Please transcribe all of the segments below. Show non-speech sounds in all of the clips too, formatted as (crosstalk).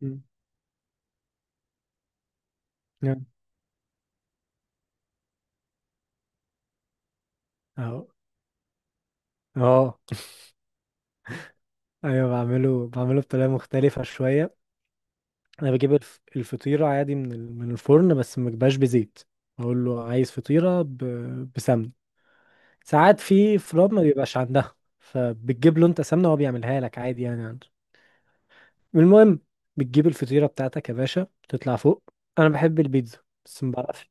مم. نعم. اهو. اه. ايوه، بعمله بطريقه مختلفه شويه. انا بجيب الفطيره عادي من الفرن، بس ما بجيبهاش بزيت. اقول له عايز بسمنه. ساعات في فروم ما بيبقاش عندها، فبتجيب له انت سمنه وهو بيعملها لك عادي يعني عنده. المهم، بتجيب الفطيره بتاعتك يا باشا، تطلع فوق. انا بحب البيتزا بس ما بعرفش.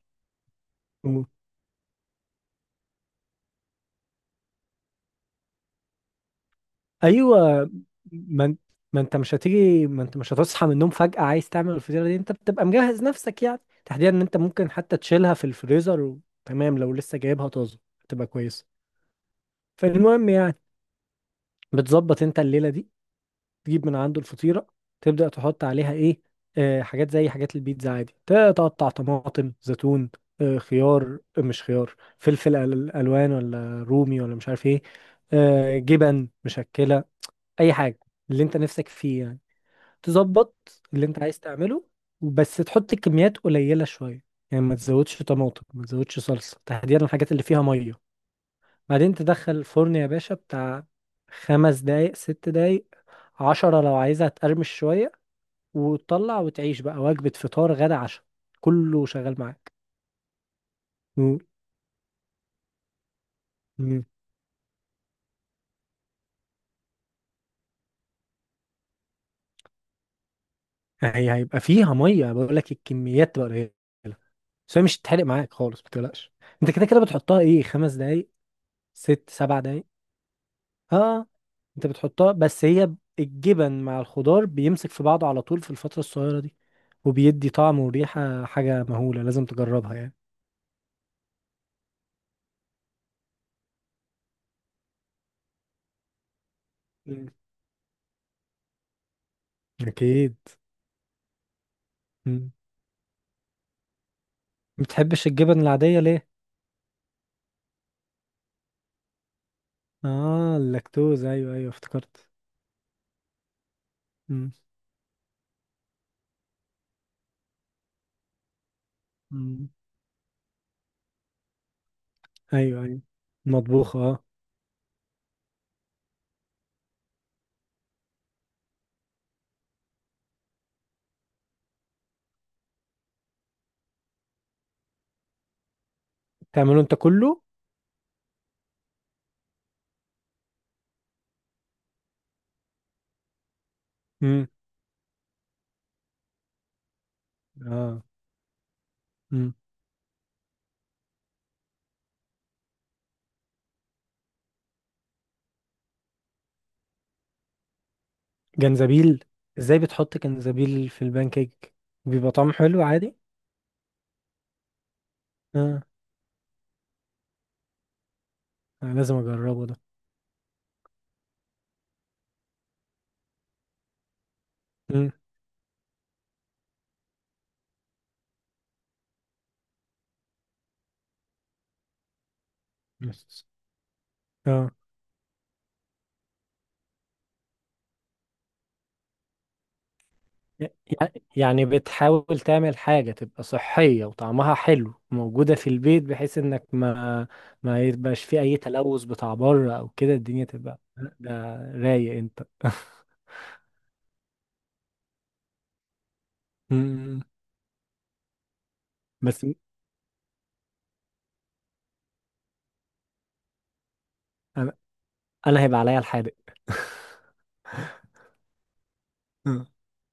ايوه، ما انت ما انت مش هتيجي، ما انت مش هتصحى من النوم فجأة عايز تعمل الفطيرة دي، انت بتبقى مجهز نفسك يعني. تحديدا ان انت ممكن حتى تشيلها في الفريزر وتمام لو لسه جايبها طازة تبقى كويسة. فالمهم يعني، بتظبط انت الليلة دي، تجيب من عنده الفطيرة، تبدأ تحط عليها ايه؟ آه، حاجات زي حاجات البيتزا عادي، تقطع طماطم، زيتون، آه خيار. آه، مش خيار، فلفل الوان، ولا رومي، ولا مش عارف ايه. آه جبن مشكلة، اي حاجة اللي انت نفسك فيه يعني. تظبط اللي انت عايز تعمله، بس تحط كميات قليلة شوية. يعني ما تزودش طماطم، ما تزودش صلصة، تحديدا الحاجات اللي فيها مية. بعدين تدخل الفرن يا باشا بتاع 5 دقايق 6 دقايق 10 لو عايزها تقرمش شوية. وتطلع وتعيش بقى وجبة فطار غدا عشاء، كله شغال معاك. مم. مم. هي هيبقى فيها مية، بقول لك الكميات تبقى قليلة، بس هي مش هتتحرق معاك خالص ما تقلقش. انت كده كده بتحطها ايه، 5 دقايق 6 7 دقايق اه. انت بتحطها، بس هي الجبن مع الخضار بيمسك في بعضه على طول في الفترة الصغيرة دي، وبيدي طعم وريحة حاجة مهولة، لازم تجربها يعني. مم. أكيد. مم. بتحبش الجبن العادية ليه؟ آه، اللاكتوز، أيوه أيوه افتكرت. مم. مم. أيوه أيوه. مطبوخ آه. تعمله أنت كله؟ مم. آه. مم. جنزبيل؟ إزاي بتحط جنزبيل في البانكيك؟ بيبقى طعمه حلو عادي؟ آه. أنا لازم أجربه ده. مم. بس. آه. ي- يعني بتحاول تعمل حاجة تبقى صحية وطعمها حلو، موجودة في البيت، بحيث انك ما يبقاش في اي تلوث بتاع بره او كده الدنيا تبقى. ده، رايق انت (laughs) مم. بس. انا، انا هيبقى عليا الحادق. (laughs) مم.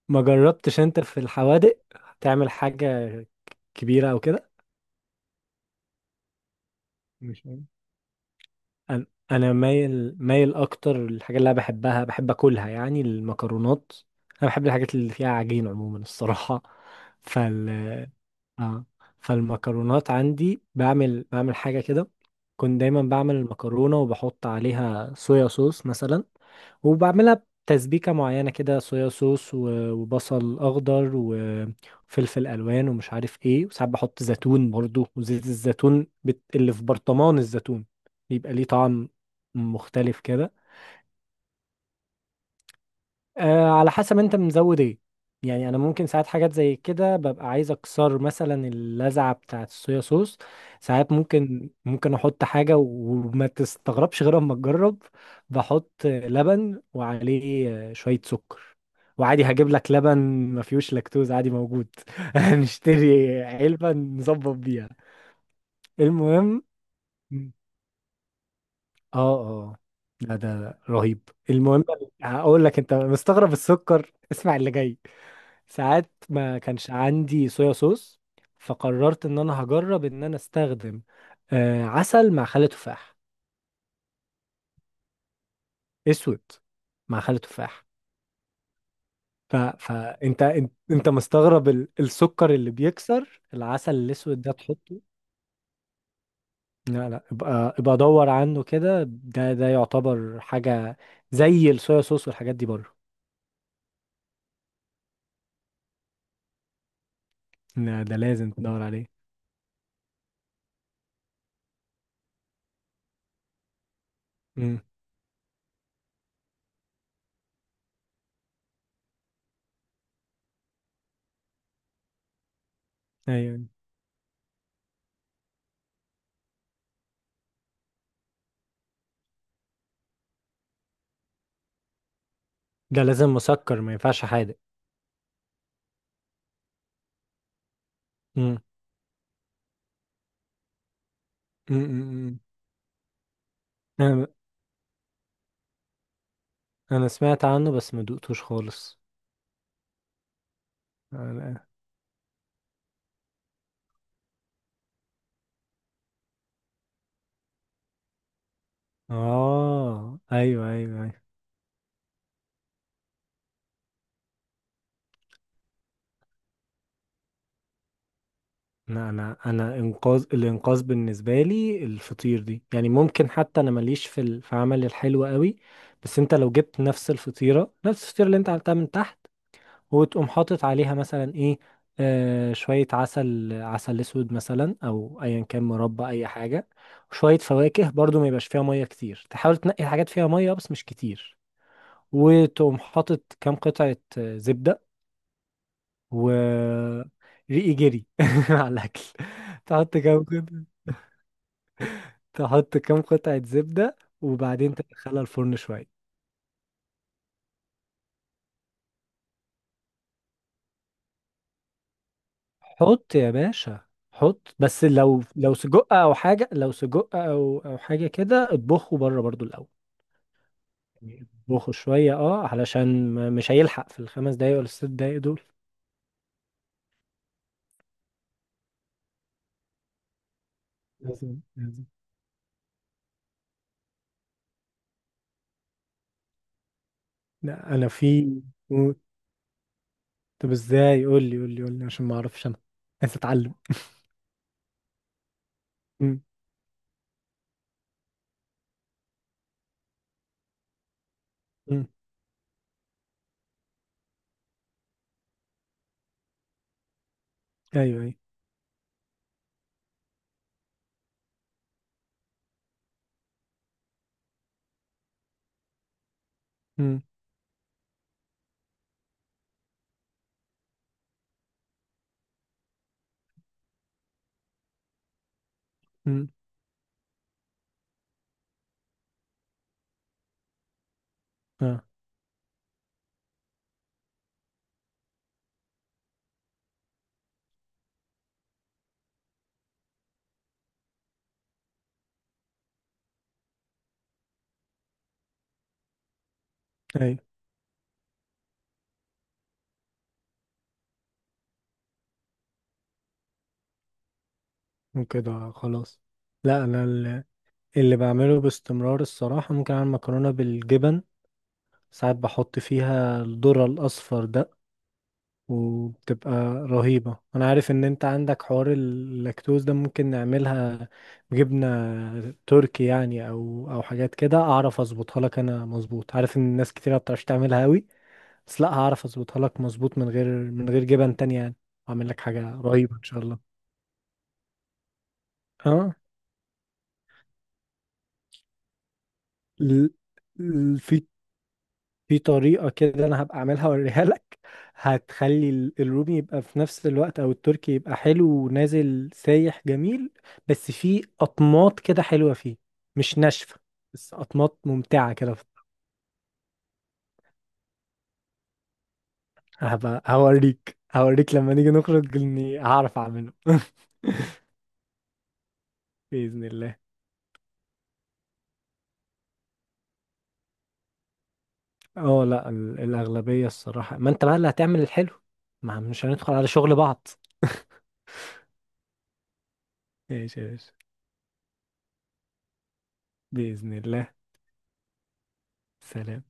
ما جربتش انت في الحوادق تعمل حاجة كبيرة او كده؟ مش عارف. أنا أنا مايل مايل أكتر للحاجات اللي أنا بحبها بحب أكلها، يعني المكرونات. أنا بحب الحاجات اللي فيها عجين عموما الصراحة. اه. فالمكرونات عندي، بعمل حاجة كده. كنت دايما بعمل المكرونة وبحط عليها صويا صوص مثلا، وبعملها بتسبيكة معينة كده، صويا صوص وبصل أخضر وفلفل ألوان ومش عارف ايه. وساعات بحط زيتون برضو وزيت الزيتون اللي في برطمان الزيتون، بيبقى ليه طعم مختلف كده. آه على حسب انت مزود ايه. يعني انا ممكن ساعات حاجات زي كده ببقى عايز اكسر مثلا اللذعه بتاعه الصويا صوص. ساعات ممكن، احط حاجه وما تستغربش غير اما تجرب. بحط لبن وعليه آه، شويه سكر. وعادي هجيب لك لبن ما فيهوش لاكتوز عادي موجود. (laughs) نشتري علبه نظبط بيها. المهم. اه اه، لا ده رهيب. المهم، هقول لك انت مستغرب السكر؟ اسمع اللي جاي. ساعات ما كانش عندي صويا صوص، فقررت ان انا هجرب ان انا استخدم آه، عسل مع خل تفاح. اسود مع خل تفاح. فانت انت مستغرب السكر اللي بيكسر العسل الاسود ده تحطه. لا لا، ابقى ابقى دور عنه كده، ده يعتبر حاجة زي الصويا صوص والحاجات دي بره. لا ده لازم تدور عليه. امم. ايوه ده لازم مسكر ما ينفعش حادق. امم. انا سمعت عنه بس ما دقتوش خالص. أنا-. اه ايوه ايوه ايوه. انا انقاذ الانقاذ بالنسبه لي الفطير دي، يعني ممكن حتى انا ماليش في في عمل الحلو قوي. بس انت لو جبت نفس الفطيره نفس الفطيره اللي انت عملتها من تحت، وتقوم حاطط عليها مثلا ايه، آه شويه عسل، عسل اسود مثلا او ايا كان مربى اي حاجه. وشويه فواكه برضو، ما يبقاش فيها ميه كتير، تحاول تنقي حاجات فيها ميه بس مش كتير. وتقوم حاطط كام قطعة آه، زبدة. و ريقي جري (laughs) على الأكل. تحط كام قطعة، تحط كام قطعة زبدة، وبعدين تدخلها الفرن شوية. حط يا باشا، حط. بس لو لو سجق أو حاجة، لو سجق أو أو حاجة كده اطبخه بره برضو الأول. يعني اطبخه شوية اه، علشان مش هيلحق في ال5 دقايق ولا ال6 دقايق دول. لازم لازم. لا أنا في. قول. طب ازاي، قول لي قول لي قول لي عشان ما أعرفش أنا، عايز أتعلم. مم. ايوه ايوه. مم. مم. اه ايوه. وكده خلاص. لا انا اللي بعمله باستمرار الصراحه ممكن اعمل مكرونه بالجبن. ساعات بحط فيها الذره الاصفر ده، وبتبقى رهيبه. انا عارف ان انت عندك حوار اللاكتوز ده، ممكن نعملها بجبنه تركي يعني او او حاجات كده، اعرف اظبطها لك انا مظبوط. عارف ان الناس كتير ما بتعرفش تعملها قوي، بس لا هعرف اظبطها لك مظبوط من غير من غير جبن تانية يعني. اعمل لك حاجه رهيبه ان شاء الله. اه ال- ال- في في طريقة كده، انا هبقى اعملها اوريها لك. هتخلي الرومي يبقى في نفس الوقت او التركي يبقى حلو ونازل سايح جميل. بس في اطماط كده حلوة فيه، مش ناشفة، بس اطماط ممتعة كده. هبقى هوريك هوريك لما نيجي نخرج اني هعرف اعمله. (laughs) بإذن الله. اه لا الأغلبية الصراحة، ما انت بقى اللي هتعمل الحلو، ما مش هندخل على شغل بعض. (laughs) ماشي يا باشا. بإذن الله. سلام.